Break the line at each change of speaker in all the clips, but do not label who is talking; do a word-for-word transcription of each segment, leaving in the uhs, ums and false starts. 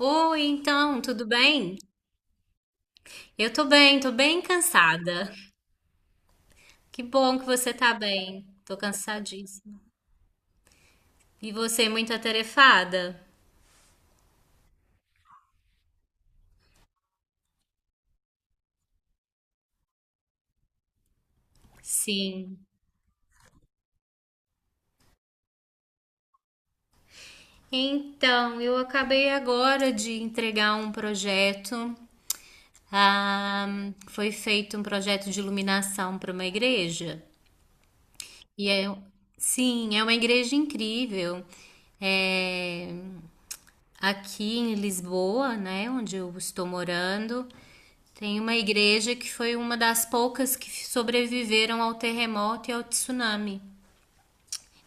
Oi, então, tudo bem? Eu tô bem, tô bem cansada. Que bom que você tá bem. Tô cansadíssima. E você, muito atarefada? Sim. Então, eu acabei agora de entregar um projeto. Ah, foi feito um projeto de iluminação para uma igreja. E é, sim, é uma igreja incrível. É, Aqui em Lisboa, né, onde eu estou morando, tem uma igreja que foi uma das poucas que sobreviveram ao terremoto e ao tsunami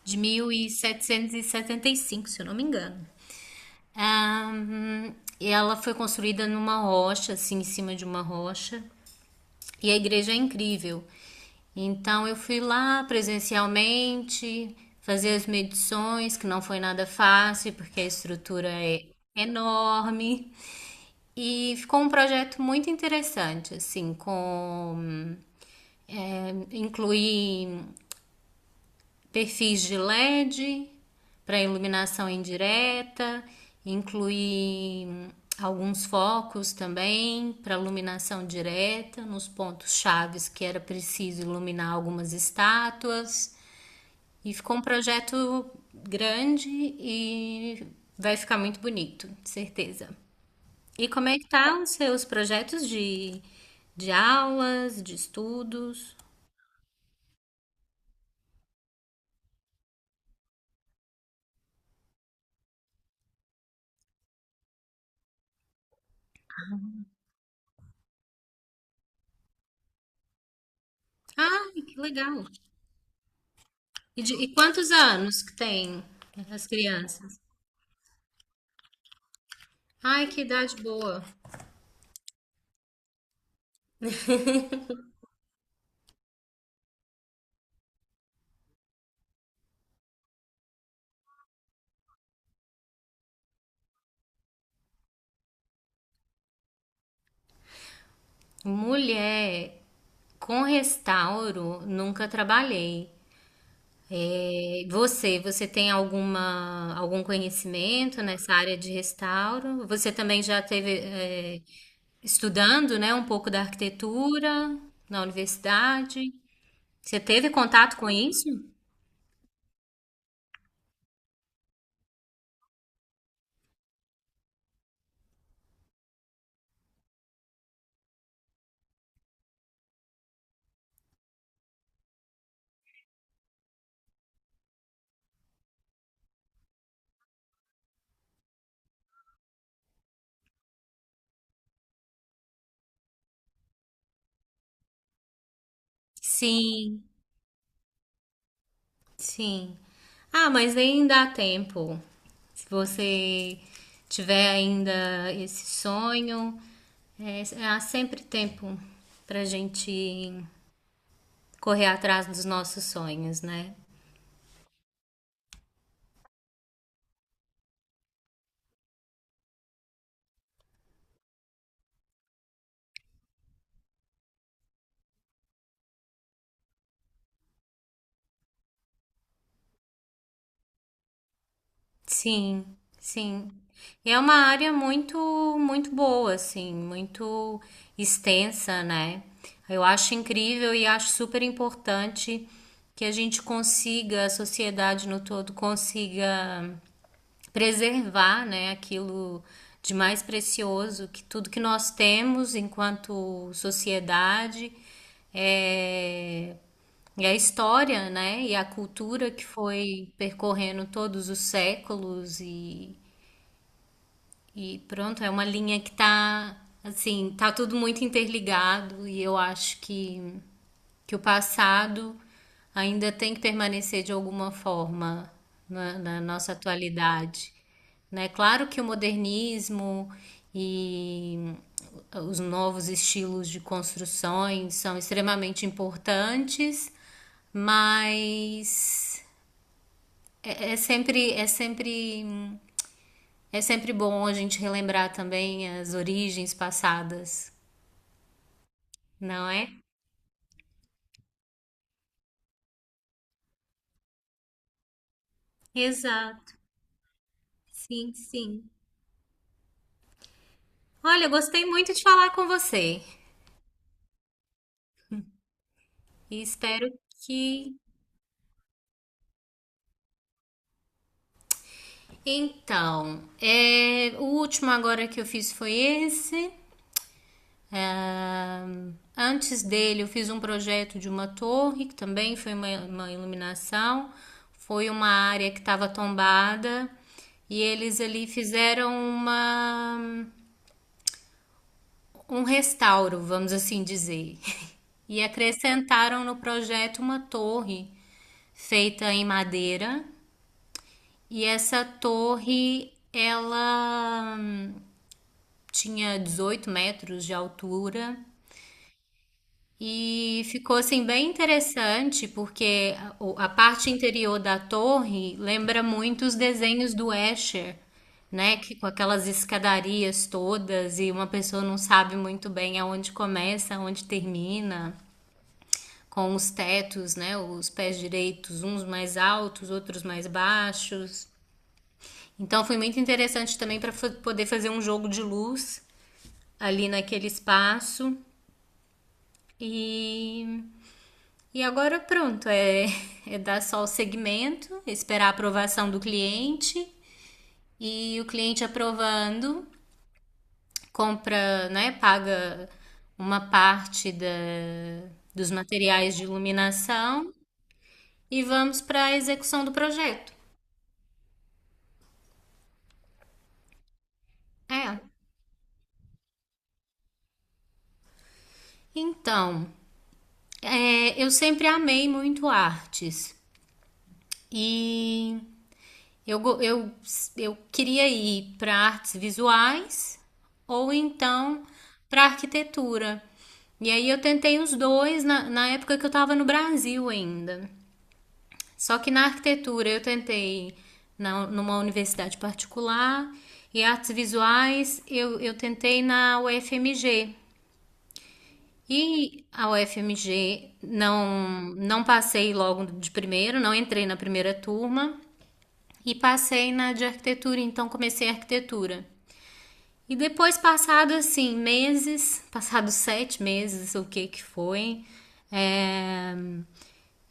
de mil setecentos e setenta e cinco, se eu não me engano. Ahn, e ela foi construída numa rocha, assim, em cima de uma rocha. E a igreja é incrível. Então eu fui lá presencialmente, fazer as medições, que não foi nada fácil, porque a estrutura é enorme. E ficou um projeto muito interessante, assim, com é, incluir perfis de L E D para iluminação indireta, incluir alguns focos também para iluminação direta nos pontos chaves que era preciso iluminar algumas estátuas. E ficou um projeto grande e vai ficar muito bonito, certeza. E como é que tá os seus projetos de, de, aulas, de estudos? Ah, que legal! E, de- e quantos anos que tem as crianças? Ai, que idade boa. Mulher, com restauro, nunca trabalhei. É, você, você tem alguma, algum conhecimento nessa área de restauro? Você também já teve, é, estudando, né, um pouco da arquitetura na universidade? Você teve contato com isso? Sim. Sim. Ah, mas ainda dá tempo. Se você tiver ainda esse sonho, é, há sempre tempo para gente correr atrás dos nossos sonhos, né? Sim, sim. E é uma área muito, muito boa, assim, muito extensa, né? Eu acho incrível e acho super importante que a gente consiga, a sociedade no todo consiga preservar, né, aquilo de mais precioso que tudo que nós temos enquanto sociedade é, e a história, né, e a cultura que foi percorrendo todos os séculos e e pronto, é uma linha que tá assim, tá tudo muito interligado e eu acho que que o passado ainda tem que permanecer de alguma forma na, na nossa atualidade, né? Claro que o modernismo e os novos estilos de construções são extremamente importantes, mas é, é sempre é sempre é sempre bom a gente relembrar também as origens passadas, não é? Exato, sim, sim. Olha, eu gostei muito de falar com você e espero que. Então, é, o último agora que eu fiz foi esse. Ahn, antes dele, eu fiz um projeto de uma torre, que também foi uma, uma, iluminação. Foi uma área que estava tombada e eles ali fizeram uma um restauro, vamos assim dizer. E acrescentaram no projeto uma torre feita em madeira. E essa torre, ela hum, tinha dezoito metros de altura. E ficou assim bem interessante, porque a o- a parte interior da torre lembra muito os desenhos do Escher, né? Que, com aquelas escadarias todas e uma pessoa não sabe muito bem aonde começa, aonde termina, com os tetos, né, os pés direitos, uns mais altos, outros mais baixos. Então foi muito interessante também para poder fazer um jogo de luz ali naquele espaço. E, e agora pronto, é, é dar só o segmento, esperar a aprovação do cliente e o cliente aprovando, compra, né, paga uma parte da, dos materiais de iluminação e vamos para a execução do projeto. É, então, é, eu sempre amei muito artes e eu, go- eu, eu queria ir para artes visuais ou então para arquitetura. E aí eu tentei os dois na, na época que eu estava no Brasil ainda. Só que na arquitetura eu tentei na, numa universidade particular e artes visuais eu, eu tentei na U F M G. E a U F M G não não passei logo de primeiro, não entrei na primeira turma e passei na de arquitetura, então comecei a arquitetura. E depois, passado assim, meses, passados sete meses, o que que foi, é,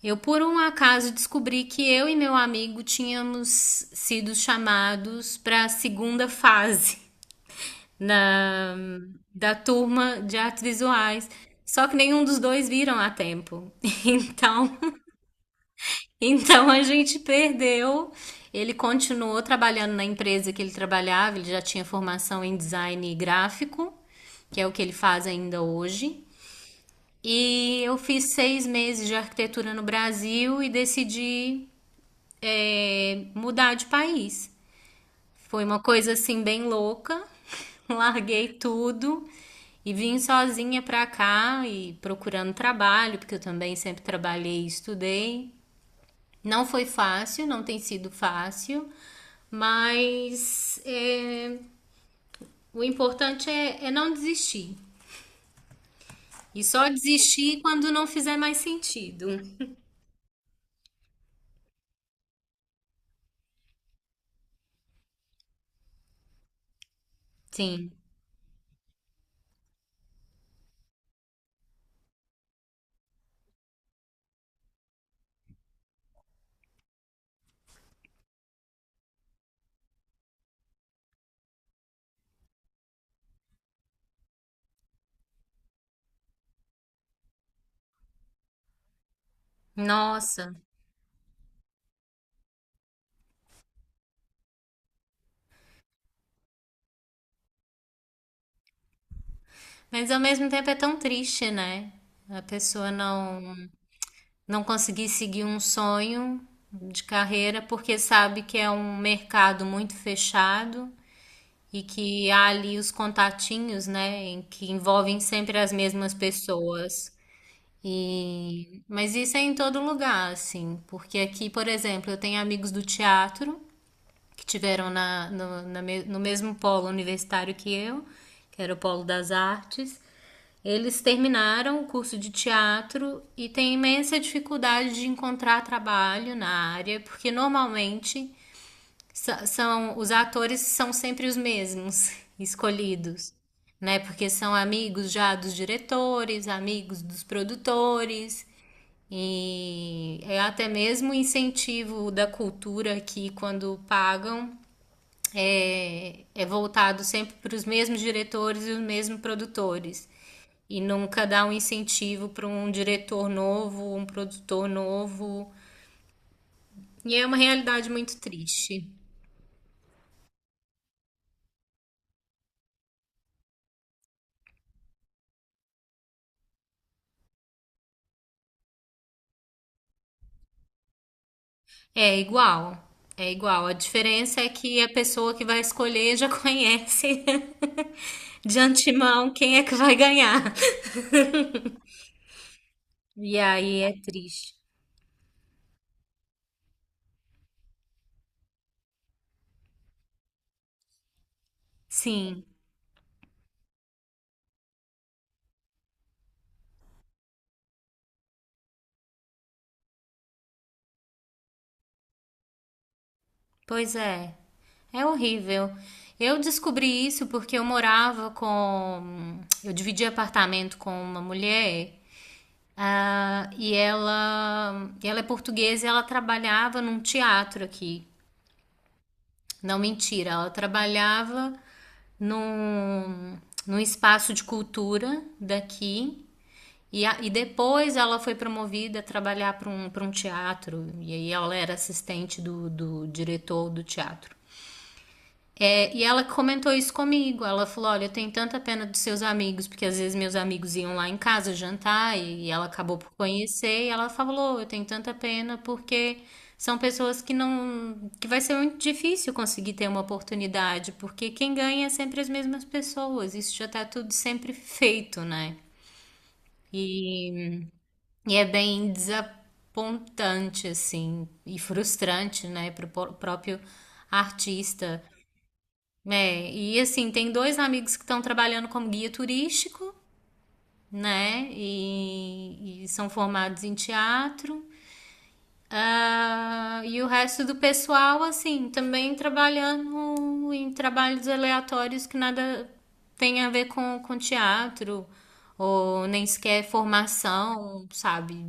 eu por um acaso descobri que eu e meu amigo tínhamos sido chamados para a segunda fase na, da turma de artes visuais. Só que nenhum dos dois viram a tempo. Então, então a gente perdeu. Ele continuou trabalhando na empresa que ele trabalhava, ele já tinha formação em design gráfico, que é o que ele faz ainda hoje. E eu fiz seis meses de arquitetura no Brasil e decidi, eh, mudar de país. Foi uma coisa assim bem louca. Larguei tudo e vim sozinha pra cá e procurando trabalho, porque eu também sempre trabalhei e estudei. Não foi fácil, não tem sido fácil, mas é, o importante é, é não desistir. E só desistir quando não fizer mais sentido. Sim. Nossa. Mas ao mesmo tempo é tão triste, né? A pessoa não não conseguir seguir um sonho de carreira porque sabe que é um mercado muito fechado e que há ali os contatinhos, né, em que envolvem sempre as mesmas pessoas. E mas isso é em todo lugar, assim, porque aqui, por exemplo, eu tenho amigos do teatro que tiveram na, no, na no mesmo polo universitário que eu, que era o polo das artes, eles terminaram o curso de teatro e têm imensa dificuldade de encontrar trabalho na área, porque normalmente são os atores são sempre os mesmos escolhidos, né? Porque são amigos já dos diretores, amigos dos produtores. E é até mesmo incentivo da cultura aqui quando pagam é, é voltado sempre para os mesmos diretores e os mesmos produtores. E nunca dá um incentivo para um diretor novo, um produtor novo. E é uma realidade muito triste. É igual, é igual. A diferença é que a pessoa que vai escolher já conhece de antemão quem é que vai ganhar. E aí é triste. Sim. Pois é, é horrível. Eu descobri isso porque eu morava com. Eu dividi apartamento com uma mulher ah, e ela, ela é portuguesa e ela trabalhava num teatro aqui. Não, mentira, ela trabalhava num, num espaço de cultura daqui. E, a- e depois ela foi promovida a trabalhar para um, para um, teatro. E aí ela era assistente do, do diretor do teatro. É, e ela comentou isso comigo. Ela falou: Olha, eu tenho tanta pena dos seus amigos, porque às vezes meus amigos iam lá em casa jantar e, e ela acabou por conhecer. E ela falou: Eu tenho tanta pena porque são pessoas que não. Que vai ser muito difícil conseguir ter uma oportunidade, porque quem ganha é sempre as mesmas pessoas. Isso já tá tudo sempre feito, né? E, e é bem desapontante, assim, e frustrante, né, pro pró- próprio artista. É, e assim, tem dois amigos que estão trabalhando como guia turístico, né? E, e são formados em teatro. Ah, e o resto do pessoal, assim, também trabalhando em trabalhos aleatórios que nada tem a ver com, com teatro, ou nem sequer formação, sabe?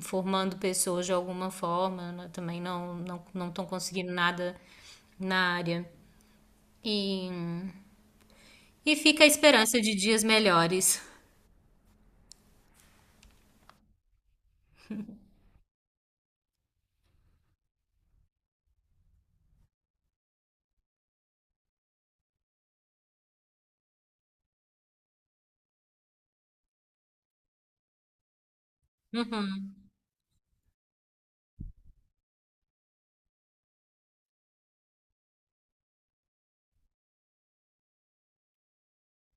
Formando pessoas de alguma forma, né, também não não não estão conseguindo nada na área. E E fica a esperança de dias melhores. Uhum.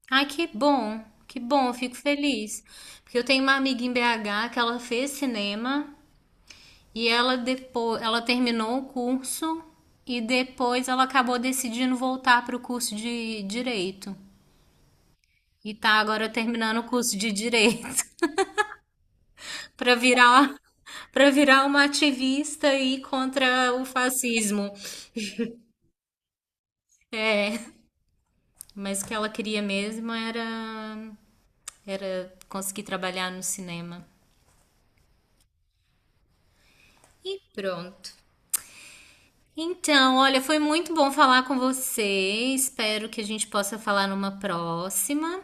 Ai, que bom, que bom, eu fico feliz. Porque eu tenho uma amiga em B H que ela fez cinema e ela depois, ela terminou o curso e depois ela acabou decidindo voltar para o curso de direito. E tá agora terminando o curso de direito para virar para virar uma ativista e contra o fascismo. É, mas o que ela queria mesmo era Era conseguir trabalhar no cinema. E pronto. Então, olha, foi muito bom falar com você. Espero que a gente possa falar numa próxima.